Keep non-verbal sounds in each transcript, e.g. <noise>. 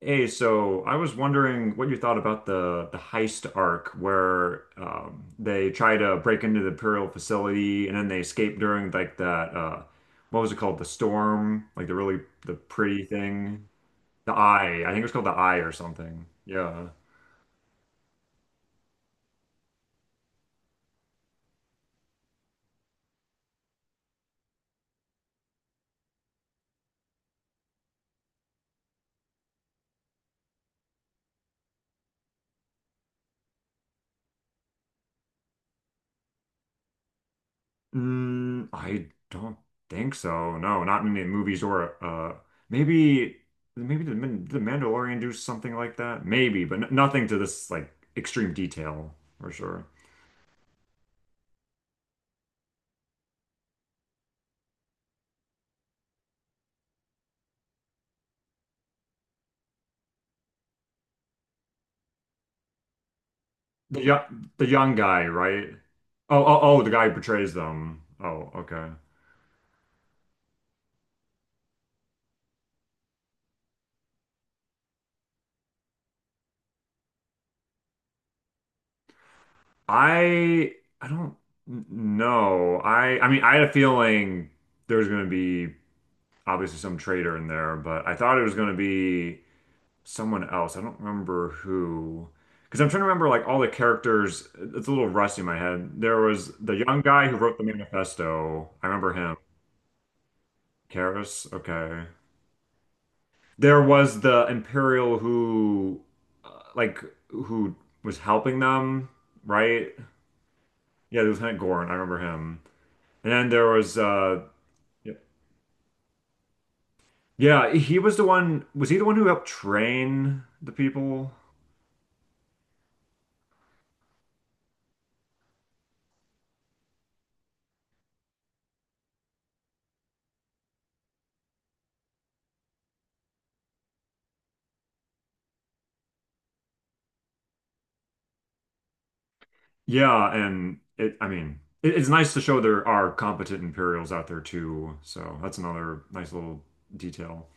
Hey, so I was wondering what you thought about the heist arc where they try to break into the Imperial facility and then they escape during like that what was it called? The storm, like the really the pretty thing, the eye. I think it was called the eye or something. Yeah. Mm, I don't think so. No, not in the movies or maybe the Mandalorian do something like that. Maybe, but n nothing to this like extreme detail for sure. The young guy, right? Oh, the guy who portrays them. Oh, okay. I I don't know. I mean, I had a feeling there was going to be obviously some traitor in there, but I thought it was going to be someone else. I don't remember who. Because I'm trying to remember like all the characters. It's a little rusty in my head. There was the young guy who wrote the manifesto. I remember him. Karis. Okay. There was the Imperial who, uh, like, who was helping them, right? Yeah, Lieutenant Gorn, I remember him. And then there was, yep. Yeah, he was the one. Was he the one who helped train the people? Yeah, and it. I mean, it's nice to show there are competent Imperials out there too. So that's another nice little detail.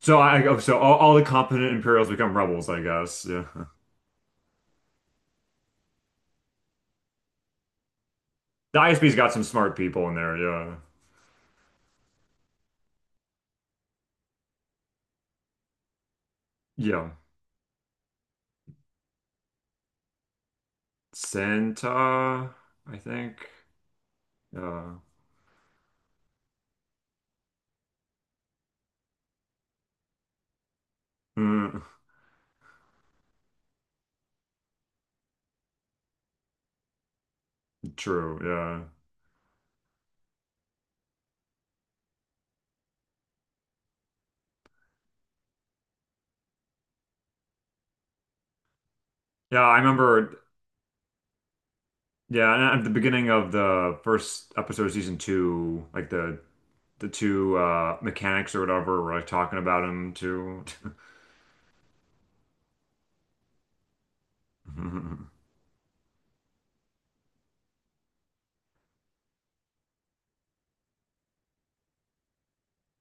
So I, oh, so all the competent Imperials become rebels, I guess. Yeah, <laughs> the ISB's got some smart people in there. Yeah, yeah. Santa, I think. Yeah. Mm, true. Yeah. Yeah, I remember. Yeah, and at the beginning of the first episode of season two, like the two mechanics or whatever were like talking about him too. <laughs>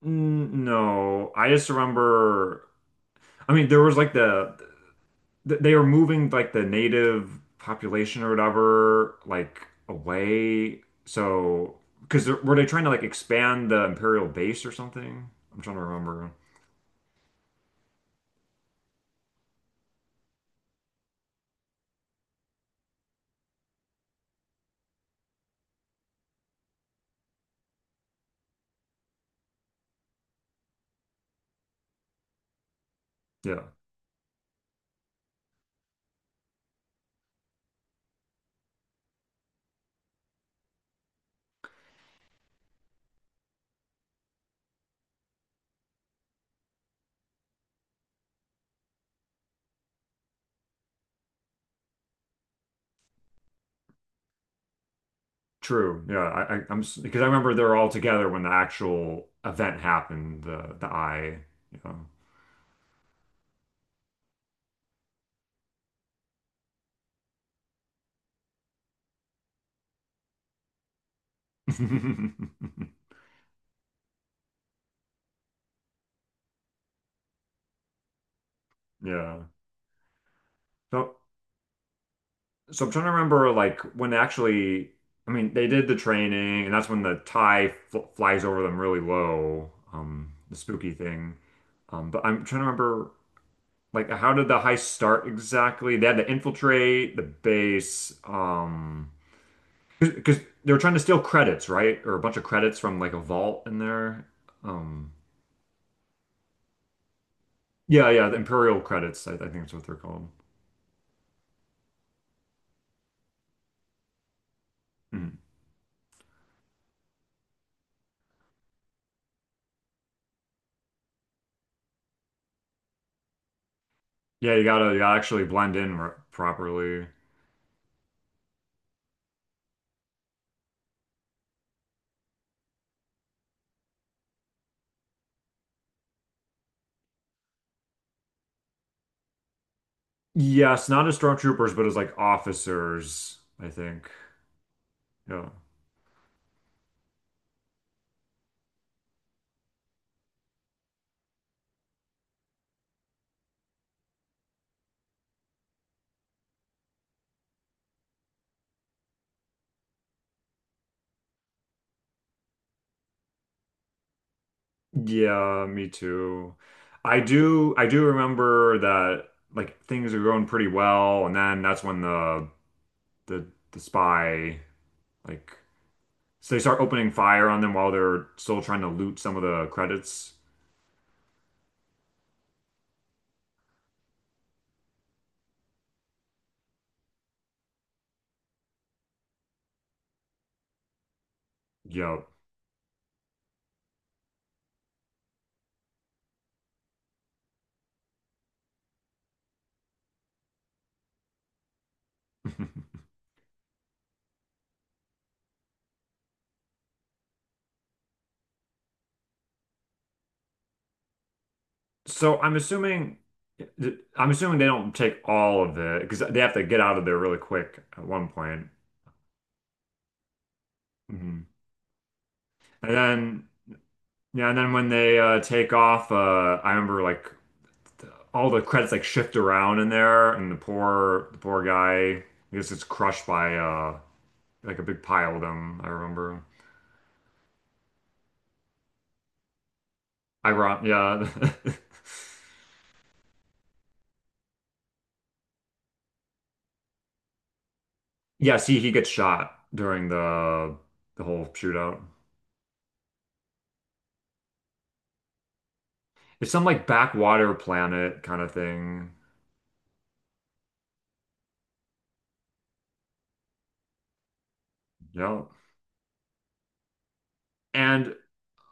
Mm, no, I just remember. I mean, there was like they are moving like the native population or whatever like away. So, because were they trying to like expand the imperial base or something? I'm trying to remember. Yeah, true. Yeah, I'm because I remember they're all together when the actual event happened. The eye. Yeah. <laughs> Yeah. So So I'm trying to remember like when actually, I mean, they did the training, and that's when the tie fl flies over them really low, the spooky thing. But I'm trying to remember like how did the heist start exactly? They had to infiltrate the base, because they were trying to steal credits, right? Or a bunch of credits from like a vault in there. Um, yeah, yeah, the Imperial credits, I think that's what they're called. Mhm. Yeah, you gotta actually blend in r properly. Yes, not as stormtroopers, but as like officers, I think. Yeah. Yeah, me too. I do remember that like things are going pretty well, and then that's when the the spy like so they start opening fire on them while they're still trying to loot some of the credits. Yep. <laughs> So I'm assuming I'm assuming they don't take all of it because they have to get out of there really quick at one point. Hmm. And then yeah, and then when they take off, I remember like all the credits like shift around in there, and the poor guy I guess gets crushed by like a big pile of them. I remember. Iron, yeah. <laughs> Yes, he gets shot during the whole shootout. It's some like backwater planet kind of thing. Yep. And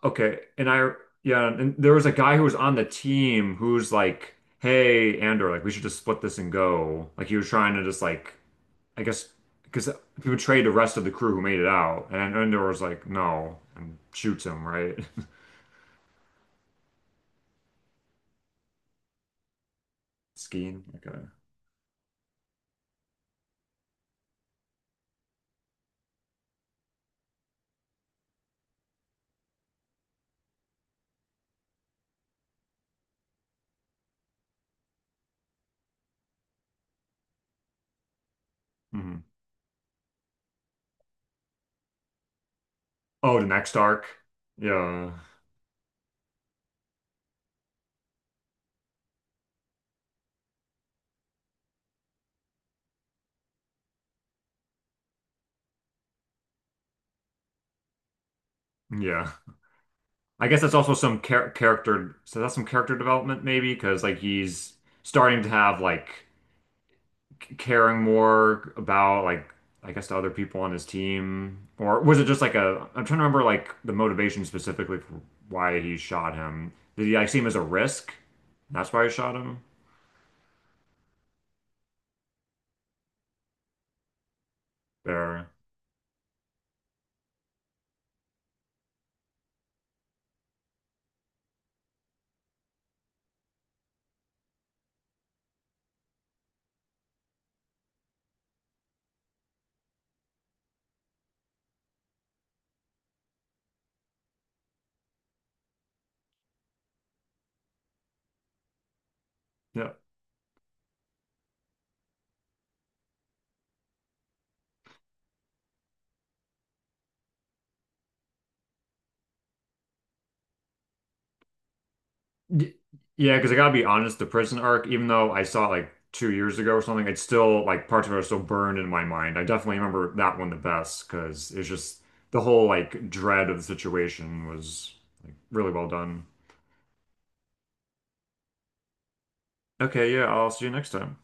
okay, and I yeah, and there was a guy who was on the team who's like, "Hey, Andor, like we should just split this and go." Like he was trying to just like, I guess, because he would trade the rest of the crew who made it out, and Andor was like, "No," and shoots him right. <laughs> Skiing. Okay. Hmm. Oh, the next arc. Yeah, yeah. I guess that's also some character. So that's some character development maybe, because like he's starting to have like caring more about like I guess to other people on his team, or was it just like a I'm trying to remember like the motivation specifically for why he shot him. Did he like see him as a risk? That's why he shot him. Or yeah, Y- yeah. Because I gotta be honest, the prison arc, even though I saw it like 2 years ago or something, it's still like parts of it are still burned in my mind. I definitely remember that one the best because it's just the whole like dread of the situation was like really well done. Okay, yeah, I'll see you next time.